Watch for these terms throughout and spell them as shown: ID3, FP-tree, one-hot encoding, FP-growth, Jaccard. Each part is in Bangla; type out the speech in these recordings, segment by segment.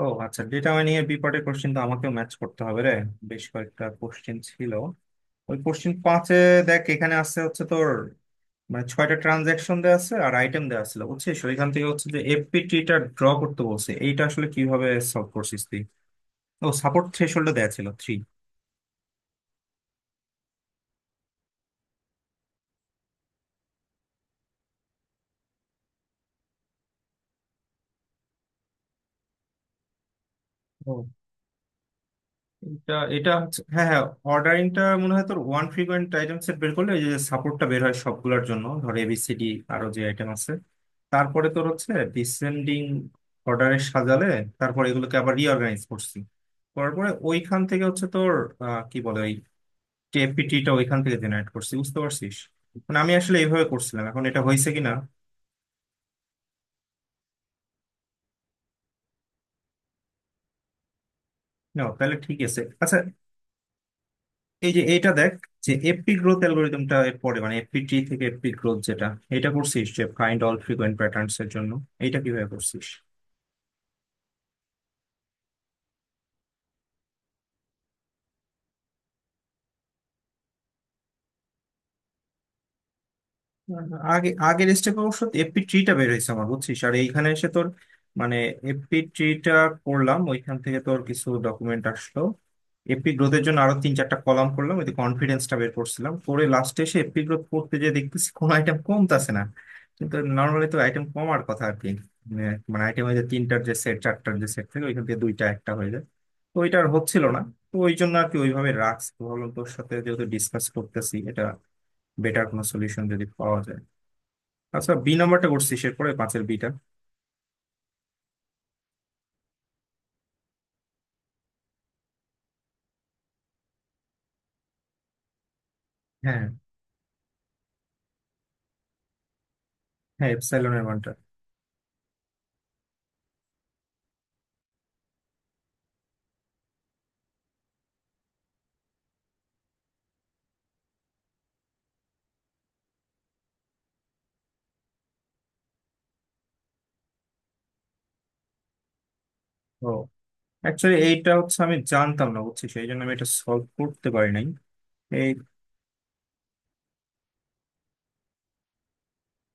ও আচ্ছা, ডেটা মাইনিং এর বিপার্টের কোশ্চেন তো আমাকেও ম্যাচ করতে হবে রে। বেশ কয়েকটা কোশ্চেন ছিল। ওই কোশ্চেন 5-এ দেখ, এখানে আছে হচ্ছে তোর, মানে ছয়টা ট্রানজাকশন দেওয়া আছে আর আইটেম দেওয়া ছিল বুঝছিস, ওইখান থেকে হচ্ছে যে এফপিটিটা ড্র করতে বলছে। এইটা আসলে কিভাবে সলভ করছিস তুই? ও, সাপোর্ট থ্রেশহোল্ড দেওয়া ছিল 3। এটা এটা হচ্ছে, হ্যাঁ হ্যাঁ। অর্ডারিংটা মনে হয় তোর ওয়ান ফ্রিকোয়েন্ট আইটেম সেট বের করলে এই যে সাপোর্টটা বের হয় সবগুলোর জন্য, ধর এবিসিডি আরো যে আইটেম আছে, তারপরে তোর হচ্ছে ডিসেন্ডিং অর্ডারে সাজালে, তারপর এগুলোকে আবার রিঅর্গানাইজ করছি। করার পরে ওইখান থেকে হচ্ছে তোর কি বলে ওই টিএফপিটিটা ওইখান থেকে জেনারেট করছি, বুঝতে পারছিস? মানে আমি আসলে এইভাবে করছিলাম, এখন এটা হয়েছে কিনা। না তাহলে ঠিক আছে, আচ্ছা। এই যে এটা দেখ, যে এফপি গ্রোথ অ্যালগোরিদমটা এর পরে, মানে এফপি টি থেকে এফপি গ্রোথ যেটা, এটা করছিস যে ফাইন্ড অল ফ্রিকোয়েন্ট প্যাটার্নস এর জন্য, এটা কিভাবে করছিস? আগে আগের স্টেপ অবশ্য এফপি ট্রিটা বের হয়েছে আমার, বুঝছিস, আর এইখানে এসে তোর মানে এফপি ট্রিটা করলাম, ওইখান থেকে তোর কিছু ডকুমেন্ট আসলো, এপি গ্রোথের জন্য আরো তিন চারটা কলাম করলাম, ওই কনফিডেন্সটা বের করছিলাম, করে লাস্টে এসে এপি গ্রোথ করতে যে দেখতেছি কোনো আইটেম কমতাছে না। কিন্তু নর্মালি তো আইটেম কমার কথা আর কি। মানে মানে আইটেম হয়ে যায় তিনটার যে সেট, চারটার যে সেট থেকে ওইখান থেকে দুইটা একটা হয়ে যায়, তো ওইটা আর হচ্ছিল না। তো ওই জন্য আর কি ওইভাবে রাখছি, তো ভাবলাম তোর সাথে যেহেতু ডিসকাস করতেছি এটা, বেটার কোনো সলিউশন যদি পাওয়া যায়। আচ্ছা, বি নাম্বারটা করছিস এরপরে, 5-এর বিটা? হ্যাঁ হ্যাঁ, এপসাইলনের মানটা। ও, অ্যাকচুয়ালি এইটা হচ্ছে আমি জানতাম না বুঝছি, সেই জন্য আমি এটা সলভ করতে পারি নাই। এই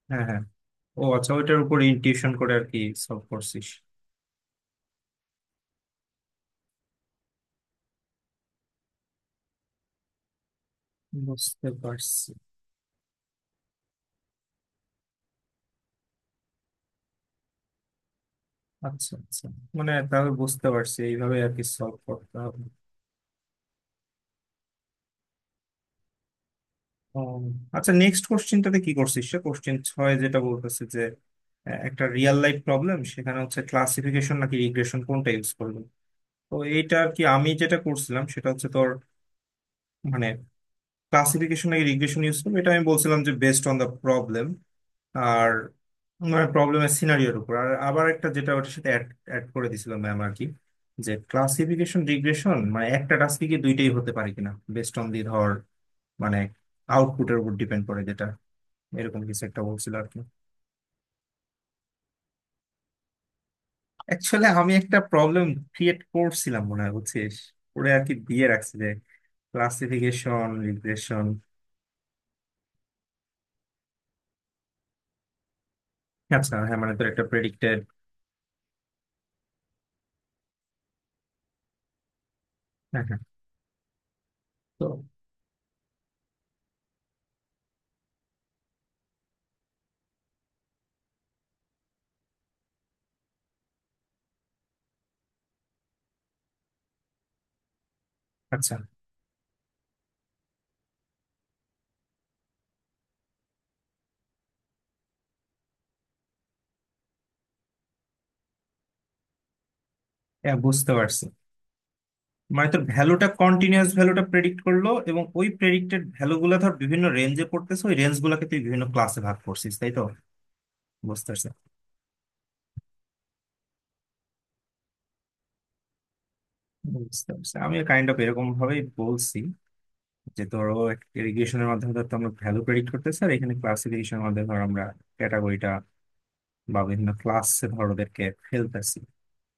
হ্যাঁ হ্যাঁ। ও আচ্ছা, ওইটার উপর ইনটিউশন করে আর কি সলভ করছিস। বুঝতে পারছি। আচ্ছা আচ্ছা, মানে তাহলে বুঝতে পারছি এইভাবে আর কি সলভ করতে হবে। ও, আচ্ছা নেক্সট কোশ্চেনটাতে কি করছিস, সে কোশ্চেন 6 যেটা বলতেছে যে একটা রিয়েল লাইফ প্রবলেম সেখানে হচ্ছে ক্লাসিফিকেশন নাকি রিগ্রেশন কোনটা ইউজ করবে। তো এইটা আর কি আমি যেটা করছিলাম সেটা হচ্ছে তোর, মানে ক্লাসিফিকেশন নাকি রিগ্রেশন ইউজ করবে এটা আমি বলছিলাম যে বেস্ট অন দ্য প্রবলেম আর প্রবলেমের সিনারিওর উপর। আর আবার একটা যেটা ওটার সাথে অ্যাড অ্যাড করে দিছিল ম্যাম আর কি, যে ক্লাসিফিকেশন রিগ্রেশন মানে একটা টাস্কে কি দুইটাই হতে পারে কিনা, বেস্ট অন দি, ধর মানে আউটপুটের উপর ডিপেন্ড করে যেটা, এরকম কিছু একটা বলছিল আর কি। অ্যাকচুয়ালি আমি একটা প্রবলেম ক্রিয়েট করছিলাম মনে হয়, বুঝছিস, ওরে আর কি দিয়ে রাখছি যে ক্লাসিফিকেশন রিগ্রেশন। আচ্ছা হ্যাঁ, মানে তোর একটা প্রেডিক্টেড। হ্যাঁ হ্যাঁ। তো আচ্ছা, হ্যাঁ বুঝতে পারছি, মানে তোর ভ্যালুটা কন্টিনিউয়াস ভ্যালুটা প্রেডিক্ট করলো এবং ওই প্রেডিক্টেড ভ্যালু গুলা ধর বিভিন্ন রেঞ্জে পড়তেছে, ওই রেঞ্জ গুলাকে তুই বিভিন্ন ক্লাসে ভাগ করছিস, তাই তো? বুঝতে পারছি। বুঝতে পারছি, আমি কাইন্ড অফ এরকম ভাবেই বলছি যে ধরো ইরিগেশনের মাধ্যমে ধর তো আমরা ভ্যালু প্রেডিক্ট করতেছি, আর এখানে ক্লাসিফিকেশনের মাধ্যমে ধর আমরা ক্যাটাগরিটা বা বিভিন্ন ক্লাসে ধর ওদেরকে ফেলতেছি।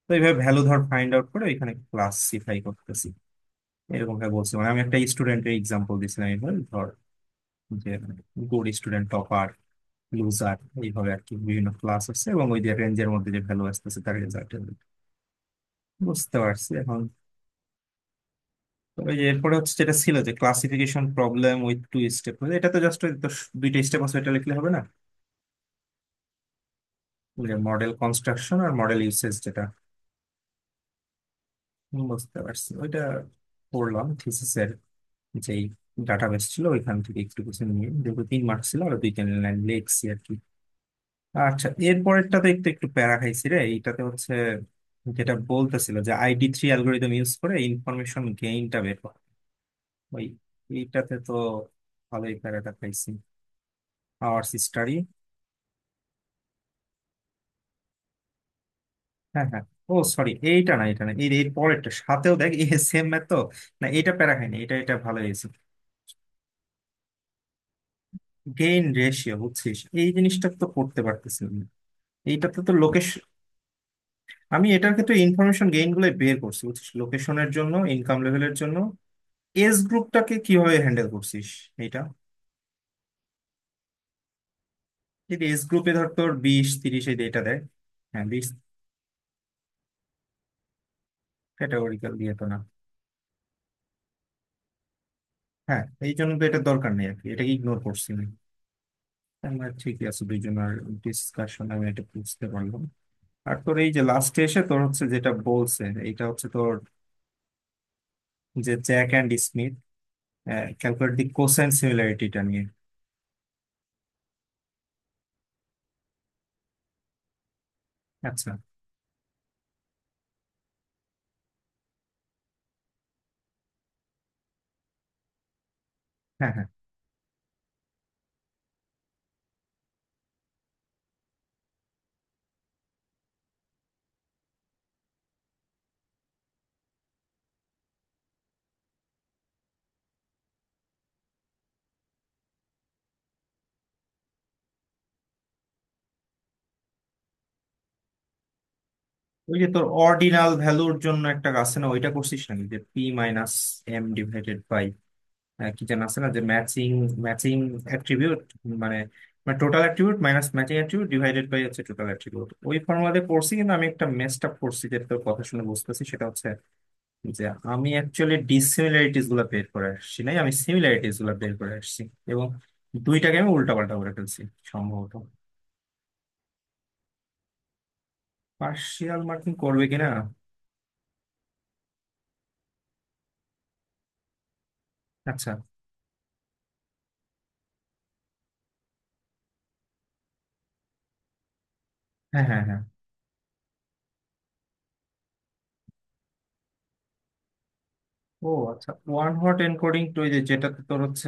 তো এইভাবে ভ্যালু ধর ফাইন্ড আউট করে এখানে ক্লাসিফাই করতেছি, এরকম ভাবে বলছি। মানে আমি একটা স্টুডেন্টের এক্সাম্পল দিছিলাম এবার, ধর যে গুড স্টুডেন্ট, টপার, লুজার, এইভাবে আর কি বিভিন্ন ক্লাস আছে এবং ওই যে রেঞ্জের মধ্যে যে ভ্যালু আসতেছে তার রেজাল্ট। বুঝতে পারছি এখন। তবে যে এরপরে হচ্ছে যেটা ছিল যে classification problem with two step, এটা তো জাস্ট দুইটা স্টেপ আছে এটা লিখলে হবে না, ওই যে মডেল কনস্ট্রাকশন আর মডেল ইউসেজ যেটা। বুঝতে পারছি। ওইটা পড়লাম থিসিসের যেই ডাটাবেস ছিল ওইখান থেকে একটু কিছু নিয়ে, যেহেতু তিন মার্ক ছিল আর দুই তিন লাইন লিখছি আর কি। আচ্ছা, এর পরেরটাতে একটু একটু প্যারা খাইছি রে। এইটাতে হচ্ছে যেটা বলতেছিল যে ID3 অ্যালগোরিদম ইউজ করে ইনফরমেশন গেইনটা বের করা, ওই এইটাতে তো ভালোই প্যারাটা খাইছি। Hour study. হ্যাঁ হ্যাঁ। ও সরি, এইটা না, এটা না, এর এর পরেরটা সাথেও দেখ, এই সেম ম্যাথ তো। না এটা প্যারা খাইনি, এটা এটা ভালো হয়েছে। গেইন রেশিও, বুঝছিস, এই জিনিসটা তো করতে পারতেছিলাম না। এইটাতে তো লোকেশ, আমি এটার ক্ষেত্রে ইনফরমেশন গেইন গুলো বের করছি বুঝছিস, লোকেশনের জন্য, ইনকাম লেভেলের জন্য। এজ গ্রুপটাকে কিভাবে হ্যান্ডেল করছিস? এটা, যদি এজ গ্রুপে ধর তোর বিশ তিরিশ এই এটা দেয়। হ্যাঁ বিশ। ক্যাটাগরিক্যাল দিয়ে তো না। হ্যাঁ, এই জন্য তো এটা দরকার নেই আর কি, এটাকে ইগনোর করছি আমি। আমরা ঠিকই আছে দুইজনের ডিসকাশন, আমি এটা বুঝতে পারলাম। আর তোর এই যে লাস্টে এসে তোর হচ্ছে যেটা বলছে, এটা হচ্ছে তোর যে Jack and Smith calculate the cosine সিমিলারিটিটা নিয়ে। আচ্ছা। হ্যাঁ হ্যাঁ। ওই যে তোর অর্ডিনাল ভ্যালুর জন্য একটা আছে না, ওইটা করছিস নাকি, যে P minus M divided by কি যেন আছে না যে ম্যাচিং, ম্যাচিং অ্যাট্রিবিউট, মানে মানে total attribute minus matching attribute divided by হচ্ছে টোটাল অ্যাট্রিবিউট, ওই ফর্মুলাতে পড়ছি। কিন্তু আমি একটা মেসড আপ করছি, যেটা তোর কথা শুনে বুঝতেছি, সেটা হচ্ছে যে আমি অ্যাকচুয়ালি ডিসিমিলারিটিস গুলো বের করে আসছি নাই, আমি সিমিলারিটিস গুলো বের করে আসছি এবং দুইটাকে আমি উল্টা পাল্টা করে ফেলছি সম্ভবত। পার্শিয়াল মার্কিং করবে কিনা। আচ্ছা। হ্যাঁ হ্যাঁ হ্যাঁ। ও আচ্ছা, ওয়ান হট এনকোডিং টু, এই যে যেটাতে তোর হচ্ছে,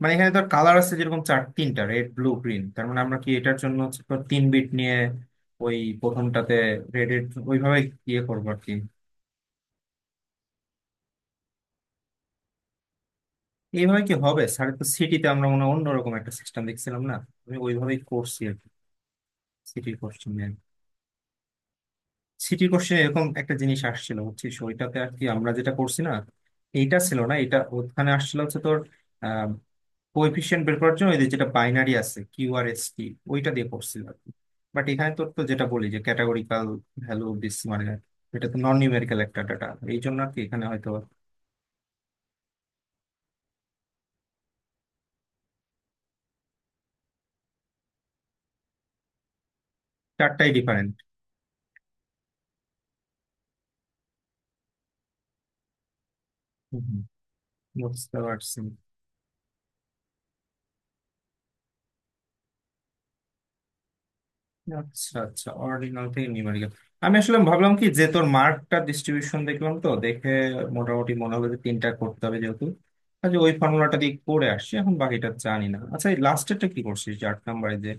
মানে এখানে তোর কালার আছে যেরকম চার তিনটা, রেড ব্লু গ্রিন, তার মানে আমরা কি এটার জন্য হচ্ছে তোর তিন বিট নিয়ে ওই প্রথমটাতে রেড এর ওইভাবে ইয়ে করবো আর কি। এইভাবে কি হবে? স্যার তো সিটিতে আমরা মনে হয় অন্যরকম একটা সিস্টেম দেখছিলাম না। আমি ওইভাবেই করছি আর কি। সিটির কোশ্চেনে, সিটির কোশ্চেনে এরকম একটা জিনিস আসছিল বুঝছিস, ওইটাতে আর কি আমরা যেটা করছি না, এইটা ছিল না, এটা ওখানে আসছিল হচ্ছে তোর কোএফিসিয়েন্ট বের করার জন্য এদের যেটা বাইনারি আছে, কিউ আর এস টি, ওইটা দিয়ে করছিলাম। বাট এখানে তো তো যেটা বলি যে ক্যাটাগরিকাল ভ্যালু বেস মানে, এটা তো নন নিউমেরিক্যাল একটা ডাটা, এই জন্য আর কি এখানে হয়তো। চারটাই ডিফারেন্ট। বুঝতে পারছি। আচ্ছা আচ্ছা, অরিজিনাল থেকে নিউমেরিক্যাল। আমি আসলে ভাবলাম কি যে তোর মার্কটা ডিস্ট্রিবিউশন দেখলাম, তো দেখে মোটামুটি মনে হবে যে তিনটা করতে হবে যেহেতু। আচ্ছা, ওই ফর্মুলাটা দিয়ে করে আসছি, এখন বাকিটা জানি না। আচ্ছা, এই লাস্টেরটা কি করছিস, যে 8 নাম্বারে যে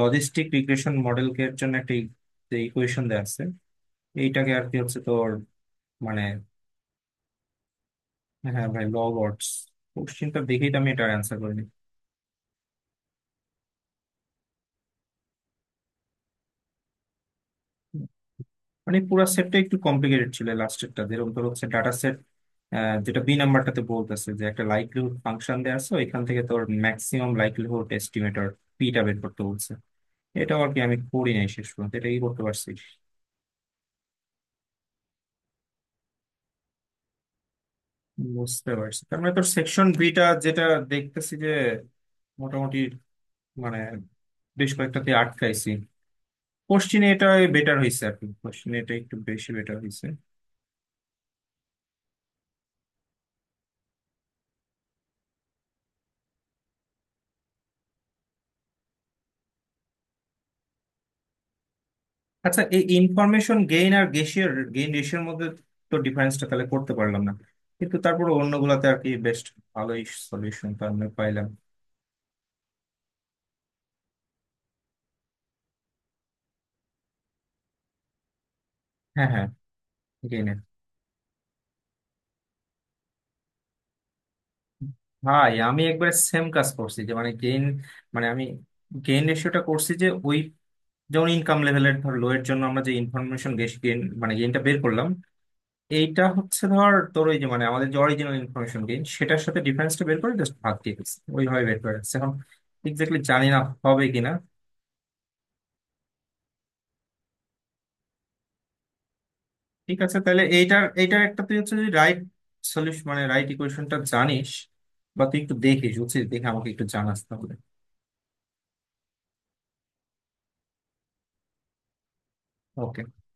লজিস্টিক রিগ্রেশন মডেলকে এর জন্য একটা ই-, যে ইকুয়েশন দেওয়া আছে এইটাকে আর কি হচ্ছে তোর মানে। হ্যাঁ ভাই, লগ অডস, কোশ্চিনটা দেখেই তো আমি এটা অ্যান্সার করিনি। মানে পুরো সেটটা একটু কমপ্লিকেটেড ছিল। লাস্টেরটা যেরকম তোর হচ্ছে ডাটা সেট, যেটা বি নাম্বারটাতে বলতেছে যে একটা লাইকলিহুড ফাংশন দেওয়া আছে ওইখান থেকে তোর ম্যাক্সিমাম লাইকলিহুড এস্টিমেটর পিটা বের করতে বলছে। এটা আর কি আমি করি নাই শেষ পর্যন্ত, এটা কি করতে পারছি? বুঝতে পারছি। তার মানে তোর সেকশন বিটা যেটা, দেখতেছি যে মোটামুটি মানে বেশ কয়েকটাতে আটকাইছি কোশ্চিনে, এটা বেটার হয়েছে আর কি। কোশ্চিনে এটা একটু বেশি বেটার হয়েছে। আচ্ছা, এই ইনফরমেশন গেইন আর গেসিয়ার গেইন রেশিওর মধ্যে তো ডিফারেন্সটা তাহলে করতে পারলাম না, কিন্তু তারপর অন্যগুলাতে আর কি বেস্ট, ভালোই সলিউশন তো আমরা পাইলাম। হ্যাঁ হ্যাঁ, গেইনের। ভাই আমি একবার সেম কাজ করছি, যে মানে গেইন মানে আমি গেইন রেশিওটা করছি, যে ওই যেমন ইনকাম লেভেলের ধর লো এর জন্য আমরা যে ইনফরমেশন গেইন মানে গেইনটা বের করলাম, এইটা হচ্ছে ধর তোর ওই যে মানে আমাদের যে অরিজিনাল ইনফরমেশন গেইন সেটার সাথে ডিফারেন্সটা বের করে জাস্ট ভাগ দিয়ে দিচ্ছি, ওইভাবে বের করে রাখছি। এখন এক্স্যাক্টলি জানি না হবে কিনা। ঠিক আছে তাহলে, এইটার, এইটার একটা তুই হচ্ছে যদি রাইট সলিউশন মানে রাইট ইকুয়েশনটা জানিস বা তুই একটু দেখিস, বুঝছিস, দেখে আমাকে একটু জানাস তাহলে। ওকে।